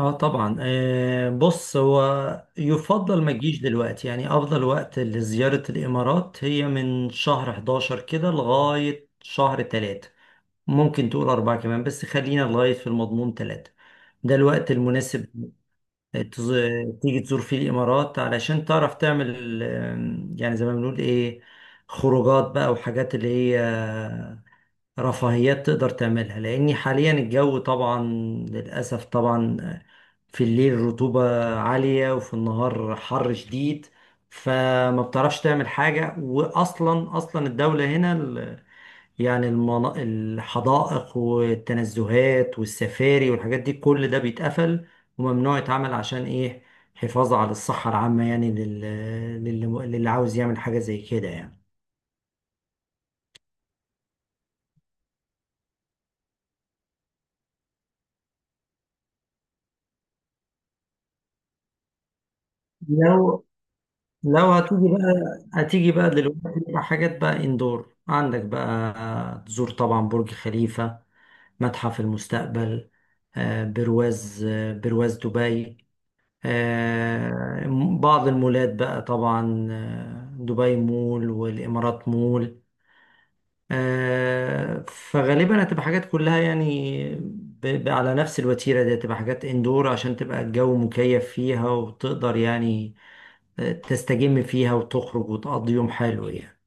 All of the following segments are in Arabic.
اه طبعا، بص. هو يفضل ما تجيش دلوقتي، يعني افضل وقت لزيارة الامارات هي من شهر 11 كده لغاية شهر 3. ممكن تقول 4 كمان بس خلينا لغاية في المضمون 3. ده الوقت المناسب تيجي تزور فيه الامارات علشان تعرف تعمل، يعني زي ما بنقول ايه، خروجات بقى وحاجات اللي هي رفاهيات تقدر تعملها، لأني حاليا الجو طبعا للأسف طبعا في الليل رطوبة عالية وفي النهار حر شديد. فما بتعرفش تعمل حاجة، وأصلا أصلا الدولة هنا يعني الحدائق والتنزهات والسفاري والحاجات دي كل ده بيتقفل وممنوع يتعمل. عشان إيه؟ حفاظ على الصحة العامة، يعني للي للي عاوز يعمل حاجة زي كده يعني. لو لو هتيجي بقى، هتيجي بقى دلوقتي بقى حاجات بقى اندور عندك بقى تزور طبعا برج خليفة، متحف المستقبل، برواز دبي، بعض المولات بقى طبعا، دبي مول والإمارات مول. فغالبا هتبقى حاجات كلها يعني على نفس الوتيرة دي، هتبقى حاجات اندور عشان تبقى الجو مكيف فيها وتقدر يعني تستجم فيها وتخرج وتقضي يوم حلو يعني.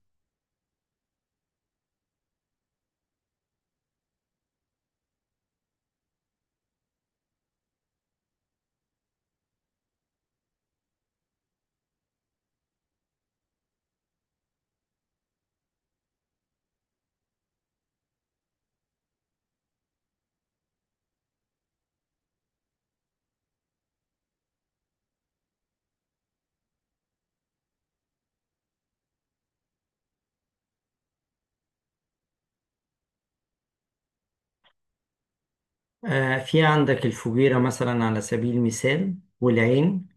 في عندك الفجيرة مثلا على سبيل المثال، والعين.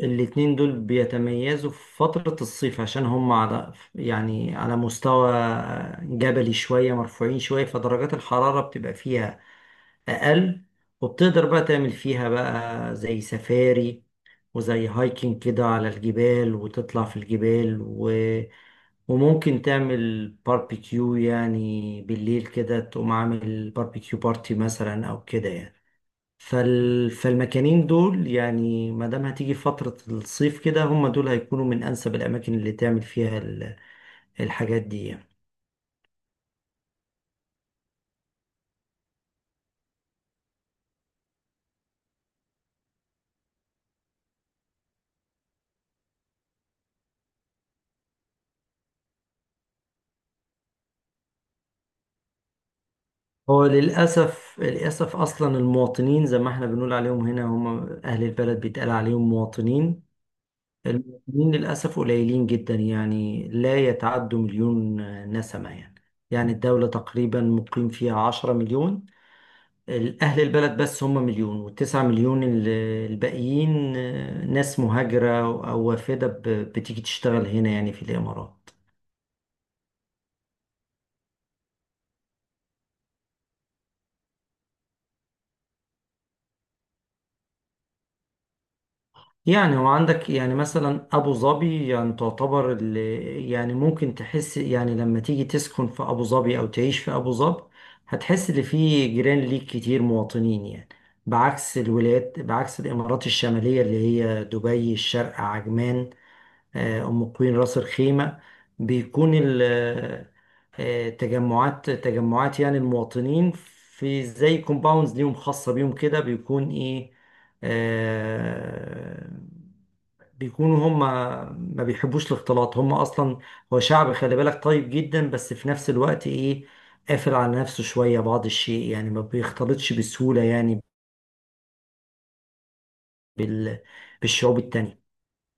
الاتنين دول بيتميزوا في فترة الصيف، عشان هم على يعني على مستوى جبلي شوية، مرفوعين شوية، فدرجات الحرارة بتبقى فيها اقل. وبتقدر بقى تعمل فيها بقى زي سفاري وزي هايكنج كده على الجبال، وتطلع في الجبال، و... وممكن تعمل باربيكيو يعني بالليل كده، تقوم عامل باربيكيو بارتي مثلا او كده يعني. فالمكانين دول يعني، ما دام هتيجي فترة الصيف كده، هم دول هيكونوا من انسب الاماكن اللي تعمل فيها الحاجات دي يعني. هو للأسف للأسف أصلا المواطنين زي ما احنا بنقول عليهم هنا هم أهل البلد، بيتقال عليهم مواطنين. المواطنين للأسف قليلين جدا، يعني لا يتعدوا مليون نسمة يعني. يعني الدولة تقريبا مقيم فيها 10 مليون، أهل البلد بس هم مليون، والتسعة مليون الباقيين ناس مهاجرة أو وافدة، بتيجي تشتغل هنا يعني في الإمارات. يعني وعندك يعني مثلا ابو ظبي يعني تعتبر يعني ممكن تحس يعني لما تيجي تسكن في ابو ظبي او تعيش في ابو ظبي، هتحس ان في جيران ليك كتير مواطنين يعني، بعكس الولايات، بعكس الامارات الشمالية اللي هي دبي، الشارقة، عجمان، أم قوين، راس الخيمة. بيكون تجمعات تجمعات يعني المواطنين، في زي كومباوندز ليهم خاصة بيهم كده. بيكون إيه؟ آه، بيكونوا هم ما بيحبوش الاختلاط هم أصلا. هو شعب، خلي بالك، طيب جدا بس في نفس الوقت إيه؟ قافل على نفسه شوية، بعض الشيء يعني، ما بيختلطش بسهولة يعني بال- بالشعوب التانية.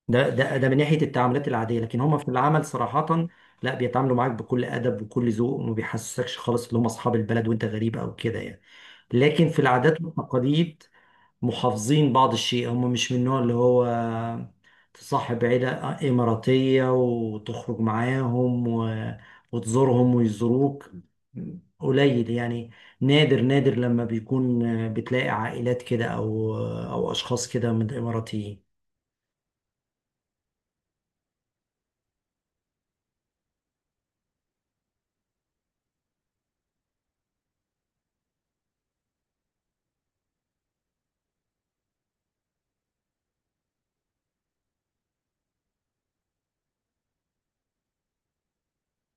ده من ناحيه التعاملات العاديه، لكن هم في العمل صراحه لا، بيتعاملوا معاك بكل ادب وكل ذوق، وما بيحسسكش خالص ان هم اصحاب البلد وانت غريب او كده يعني. لكن في العادات والتقاليد محافظين بعض الشيء، هم مش من النوع اللي هو تصاحب عيلة إماراتية وتخرج معاهم و... وتزورهم ويزوروك، قليل يعني، نادر نادر لما بيكون بتلاقي عائلات كده أو أشخاص كده من الإماراتيين.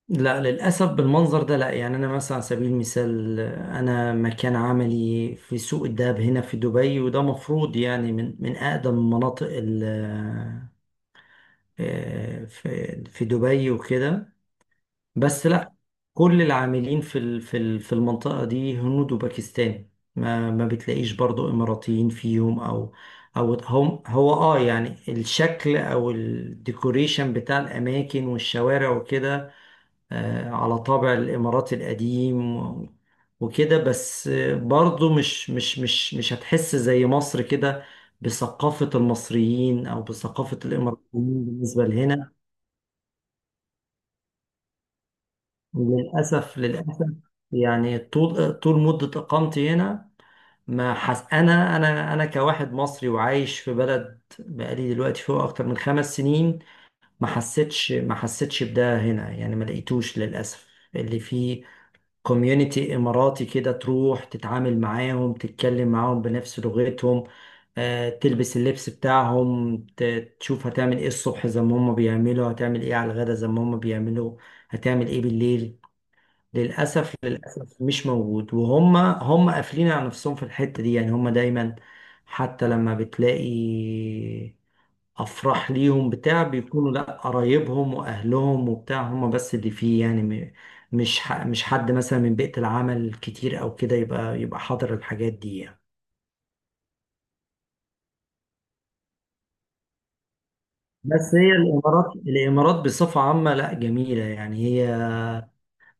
لا، للأسف بالمنظر ده لا، يعني أنا مثلا على سبيل المثال أنا مكان عملي في سوق الذهب هنا في دبي، وده مفروض يعني من أقدم المناطق في دبي وكده، بس لا. كل العاملين في المنطقة دي هنود وباكستاني، ما بتلاقيش برضو إماراتيين فيهم، أو هم هو آه يعني الشكل أو الديكوريشن بتاع الأماكن والشوارع وكده، على طابع الإمارات القديم وكده، بس برضو مش هتحس زي مصر كده بثقافة المصريين أو بثقافة الإماراتيين بالنسبة لهنا. للأسف للأسف، يعني طول طول مدة إقامتي هنا ما حس، أنا أنا كواحد مصري وعايش في بلد بقالي دلوقتي فوق أكتر من 5 سنين، ما حسيتش بده هنا، يعني ما لقيتوش للأسف اللي فيه كوميونيتي إماراتي كده، تروح تتعامل معاهم، تتكلم معاهم بنفس لغتهم، تلبس اللبس بتاعهم، تشوف هتعمل ايه الصبح زي ما هم بيعملوا، هتعمل ايه على الغدا زي ما هم بيعملوا، هتعمل ايه بالليل. للأسف للأسف مش موجود، وهم قافلين على نفسهم في الحتة دي يعني، هم دايما حتى لما بتلاقي افراح ليهم بتاع، بيكونوا لا قرايبهم واهلهم وبتاع هم بس اللي فيه، يعني مش حد مثلا من بيئة العمل كتير او كده يبقى حاضر الحاجات دي يعني. بس هي الامارات بصفة عامة لا، جميلة يعني. هي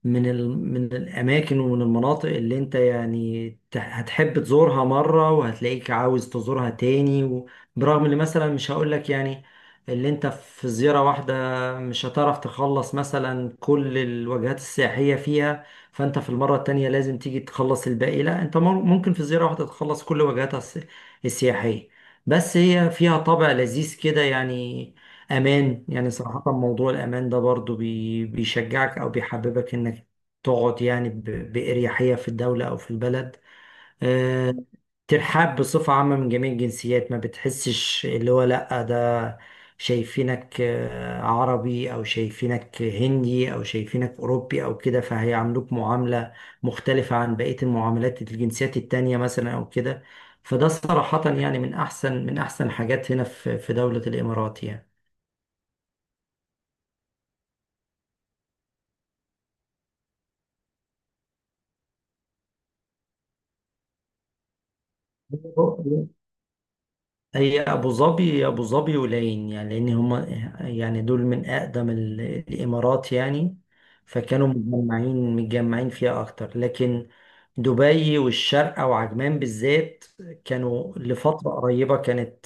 من الأماكن ومن المناطق اللي أنت يعني هتحب تزورها مرة، وهتلاقيك عاوز تزورها تاني برغم إن مثلا مش هقولك يعني اللي أنت في زيارة واحدة مش هتعرف تخلص مثلا كل الوجهات السياحية فيها، فأنت في المرة التانية لازم تيجي تخلص الباقي. لا، أنت ممكن في زيارة واحدة تخلص كل وجهاتها السياحية. بس هي فيها طابع لذيذ كده يعني، امان يعني صراحة، موضوع الامان ده برضو بيشجعك او بيحببك انك تقعد يعني باريحية في الدولة او في البلد. آه، ترحاب بصفة عامة من جميع الجنسيات، ما بتحسش اللي هو لأ ده شايفينك عربي، أو شايفينك هندي، أو شايفينك أوروبي أو كده، فهيعاملوك معاملة مختلفة عن بقية المعاملات، الجنسيات التانية مثلا أو كده، فده صراحة يعني من أحسن حاجات هنا في دولة الإمارات يعني. هي ابو ظبي والعين، يعني لان هما يعني دول من اقدم الامارات يعني، فكانوا متجمعين متجمعين فيها اكتر، لكن دبي والشارقة وعجمان بالذات كانوا لفترة قريبة، كانت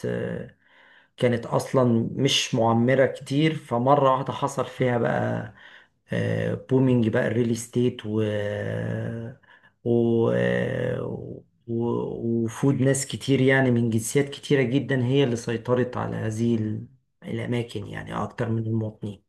كانت اصلا مش معمره كتير، فمره واحده حصل فيها بقى بومينج بقى الريل استيت، و وفود ناس كتير يعني من جنسيات كتيرة جدا، هي اللي سيطرت على هذه الأماكن يعني أكتر من المواطنين.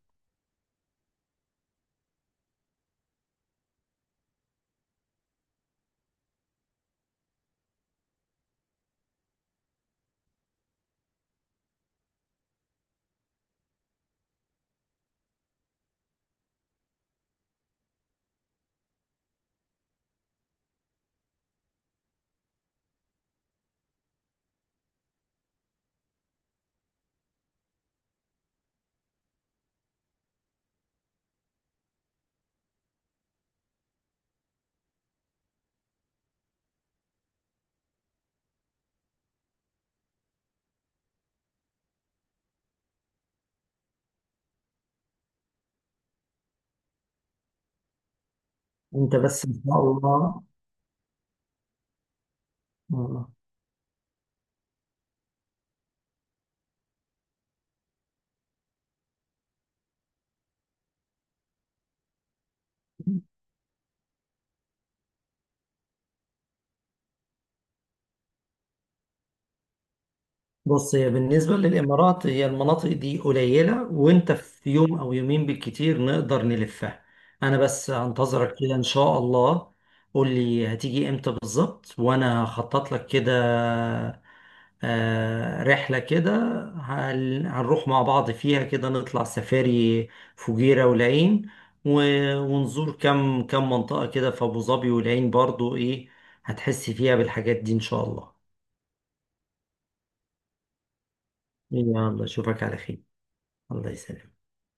أنت بس إن شاء الله. آه. بص، هي بالنسبة للإمارات هي المناطق دي قليلة، وأنت في يوم أو يومين بالكتير نقدر نلفها. أنا بس هنتظرك كده إن شاء الله، قول لي هتيجي إمتى بالظبط، وأنا هخطط لك كده رحلة كده، هنروح مع بعض فيها كده، نطلع سفاري فجيرة والعين، ونزور كم كم منطقة كده في أبو ظبي والعين، برضو إيه؟ هتحس فيها بالحاجات دي إن شاء الله. يلا أشوفك على خير، الله يسلمك.